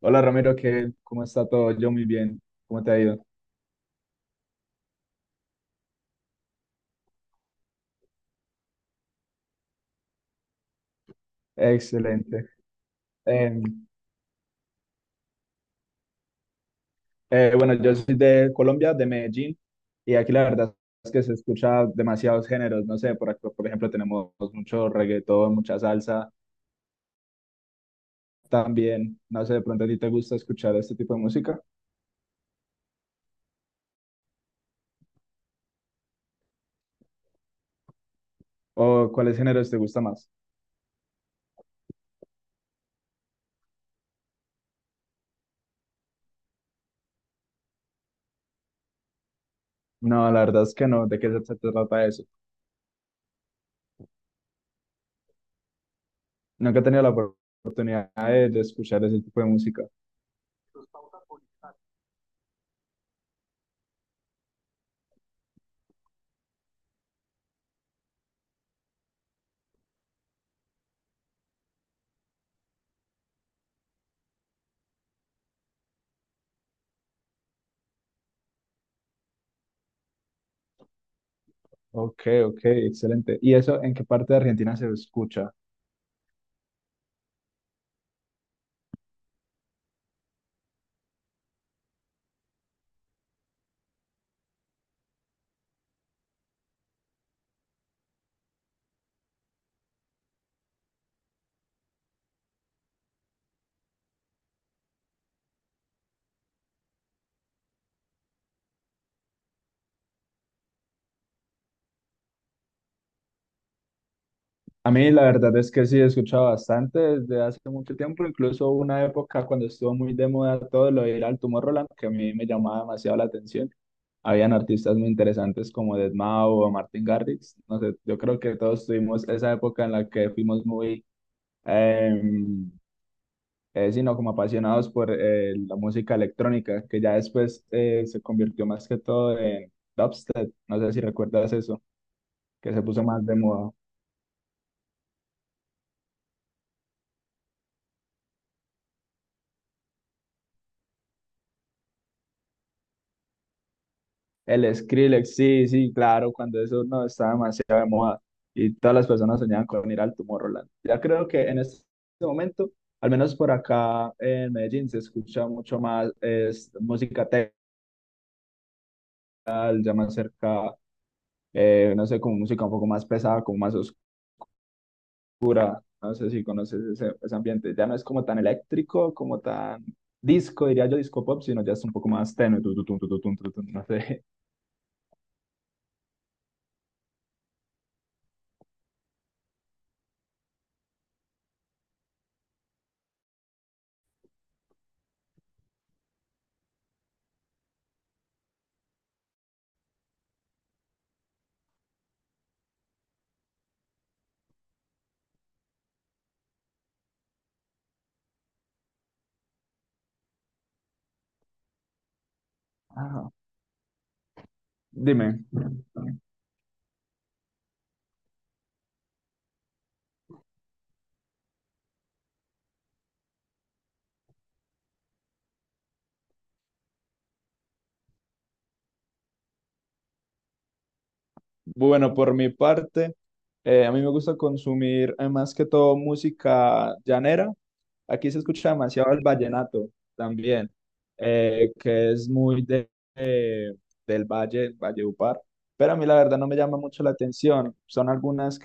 Hola Ramiro, ¿qué? ¿Cómo está todo? Yo muy bien. ¿Cómo te ha ido? Excelente. Eh, bueno, yo soy de Colombia, de Medellín, y aquí la verdad es que se escucha demasiados géneros. No sé, por acá, por ejemplo, tenemos mucho reggaetón, mucha salsa. También, no sé, de pronto a ti te gusta escuchar este tipo de música o cuáles géneros te gusta más. No, la verdad es que no. ¿De qué se trata eso? Nunca he tenido la oportunidad de escuchar ese tipo de música. Ok, ok, excelente. ¿Y eso en qué parte de Argentina se escucha? A mí la verdad es que sí, he escuchado bastante desde hace mucho tiempo, incluso hubo una época cuando estuvo muy de moda todo lo de ir al Roland, que a mí me llamaba demasiado la atención. Habían artistas muy interesantes como deadmau o Martin Garrix. No sé, yo creo que todos tuvimos esa época en la que fuimos muy, eh, sino como apasionados por la música electrónica, que ya después se convirtió más que todo en dubstep. No sé si recuerdas eso, que se puso más de moda. El Skrillex, sí, sí, claro, cuando eso no estaba demasiado de moda y todas las personas soñaban con ir al Tomorrowland. Ya creo que en este momento, al menos por acá en Medellín, se escucha mucho más es, música techal, ya más cerca, no sé, como música un poco más pesada, como más oscura. No sé si conoces ese, ese ambiente. Ya no es como tan eléctrico, como tan disco, diría yo, disco pop, sino ya es un poco más tenue. No sé. Ah, dime. Bueno, por mi parte, a mí me gusta consumir más que todo música llanera. Aquí se escucha demasiado el vallenato también, que es muy de, eh, del Valle, Valledupar, pero a mí la verdad no me llama mucho la atención, son algunas,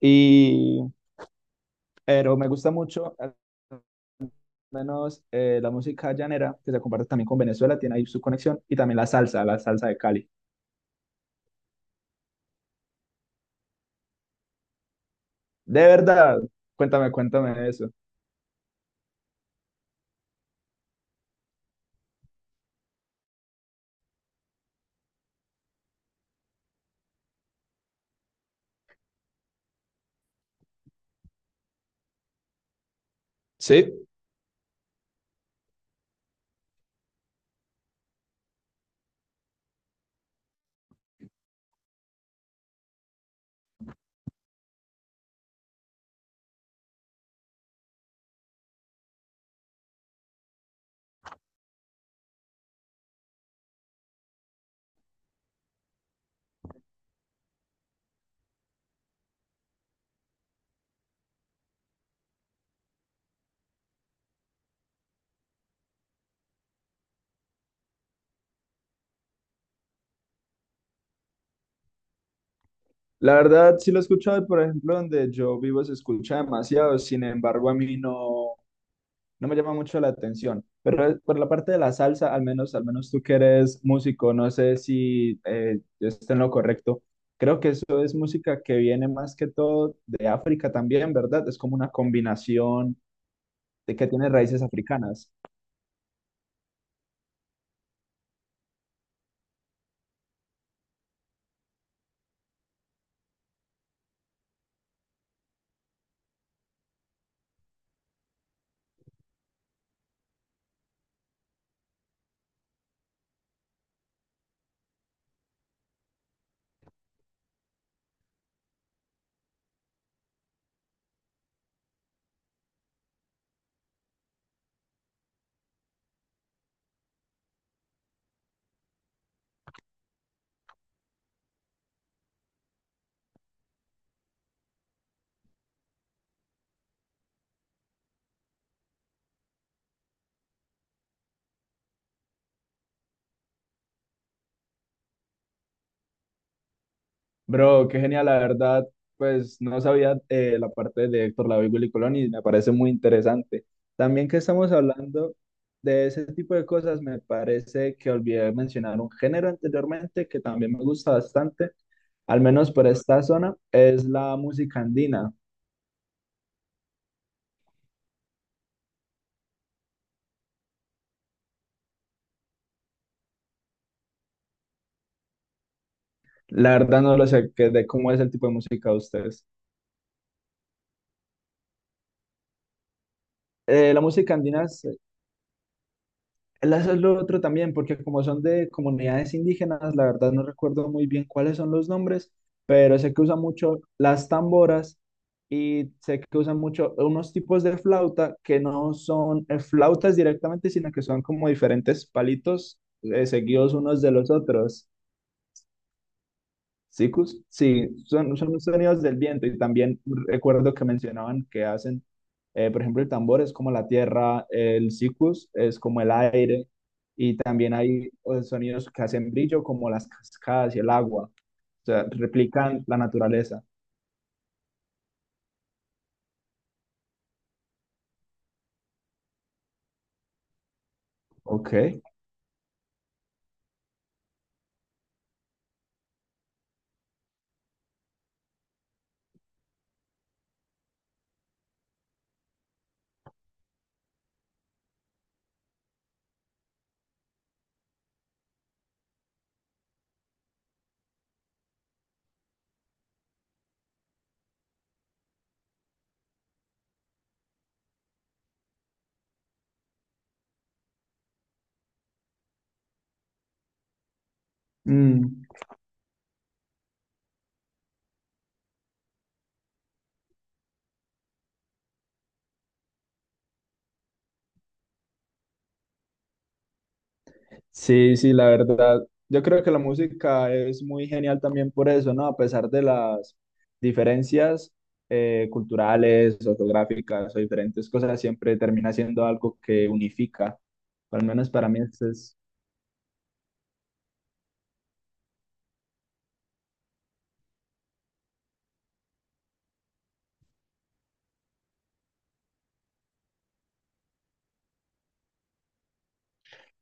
y, pero me gusta mucho al menos la música llanera, que se comparte también con Venezuela, tiene ahí su conexión, y también la salsa de Cali. De verdad, cuéntame, cuéntame de eso. Sí. La verdad, sí lo he escuchado, y, por ejemplo, donde yo vivo se escucha demasiado, sin embargo, a mí no, no me llama mucho la atención. Pero por la parte de la salsa, al menos tú que eres músico, no sé si yo esté en lo correcto. Creo que eso es música que viene más que todo de África también, ¿verdad? Es como una combinación de que tiene raíces africanas. Bro, qué genial, la verdad, pues no sabía la parte de Héctor Lavoe y Willy Colón y me parece muy interesante. También que estamos hablando de ese tipo de cosas, me parece que olvidé mencionar un género anteriormente que también me gusta bastante, al menos por esta zona, es la música andina. La verdad no lo sé, qué de cómo es el tipo de música de ustedes. La música andina es- Eso es lo otro también, porque como son de comunidades indígenas, la verdad no recuerdo muy bien cuáles son los nombres, pero sé que usan mucho las tamboras y sé que usan mucho unos tipos de flauta que no son flautas directamente, sino que son como diferentes palitos seguidos unos de los otros. Sikus, sí, son, son los sonidos del viento y también recuerdo que mencionaban que hacen, por ejemplo, el tambor es como la tierra, el sikus es como el aire y también hay sonidos que hacen brillo como las cascadas y el agua, o sea, replican la naturaleza. Ok. Mm, sí, sí, la verdad. Yo creo que la música es muy genial también por eso, ¿no? A pesar de las diferencias culturales, o geográficas o diferentes cosas, siempre termina siendo algo que unifica. Al menos para mí esto es...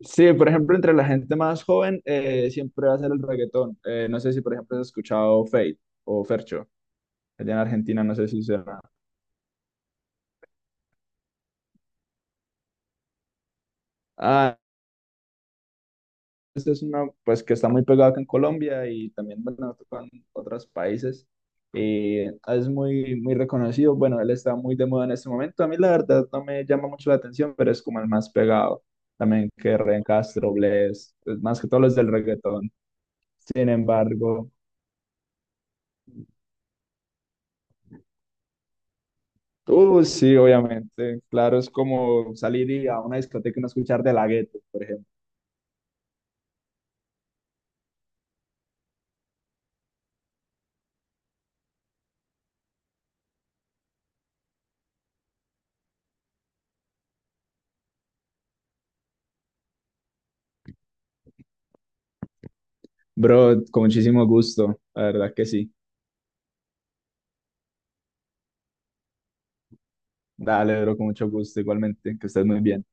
Sí, por ejemplo, entre la gente más joven siempre va a ser el reggaetón. No sé si, por ejemplo, has escuchado Fate o Fercho, allá en Argentina, no sé si será. Esta es una, pues, que está muy pegada acá en Colombia y también, bueno, tocan otros países. Es muy, muy reconocido. Bueno, él está muy de moda en este momento. A mí, la verdad, no me llama mucho la atención, pero es como el más pegado. También que Ryan Castro, Bless, pues, más que todos los del reggaetón. Sin embargo, sí, obviamente. Claro, es como salir y a una discoteca y no escuchar De La Ghetto, por ejemplo. Bro, con muchísimo gusto. La verdad que sí. Dale, bro, con mucho gusto, igualmente. Que estés muy bien.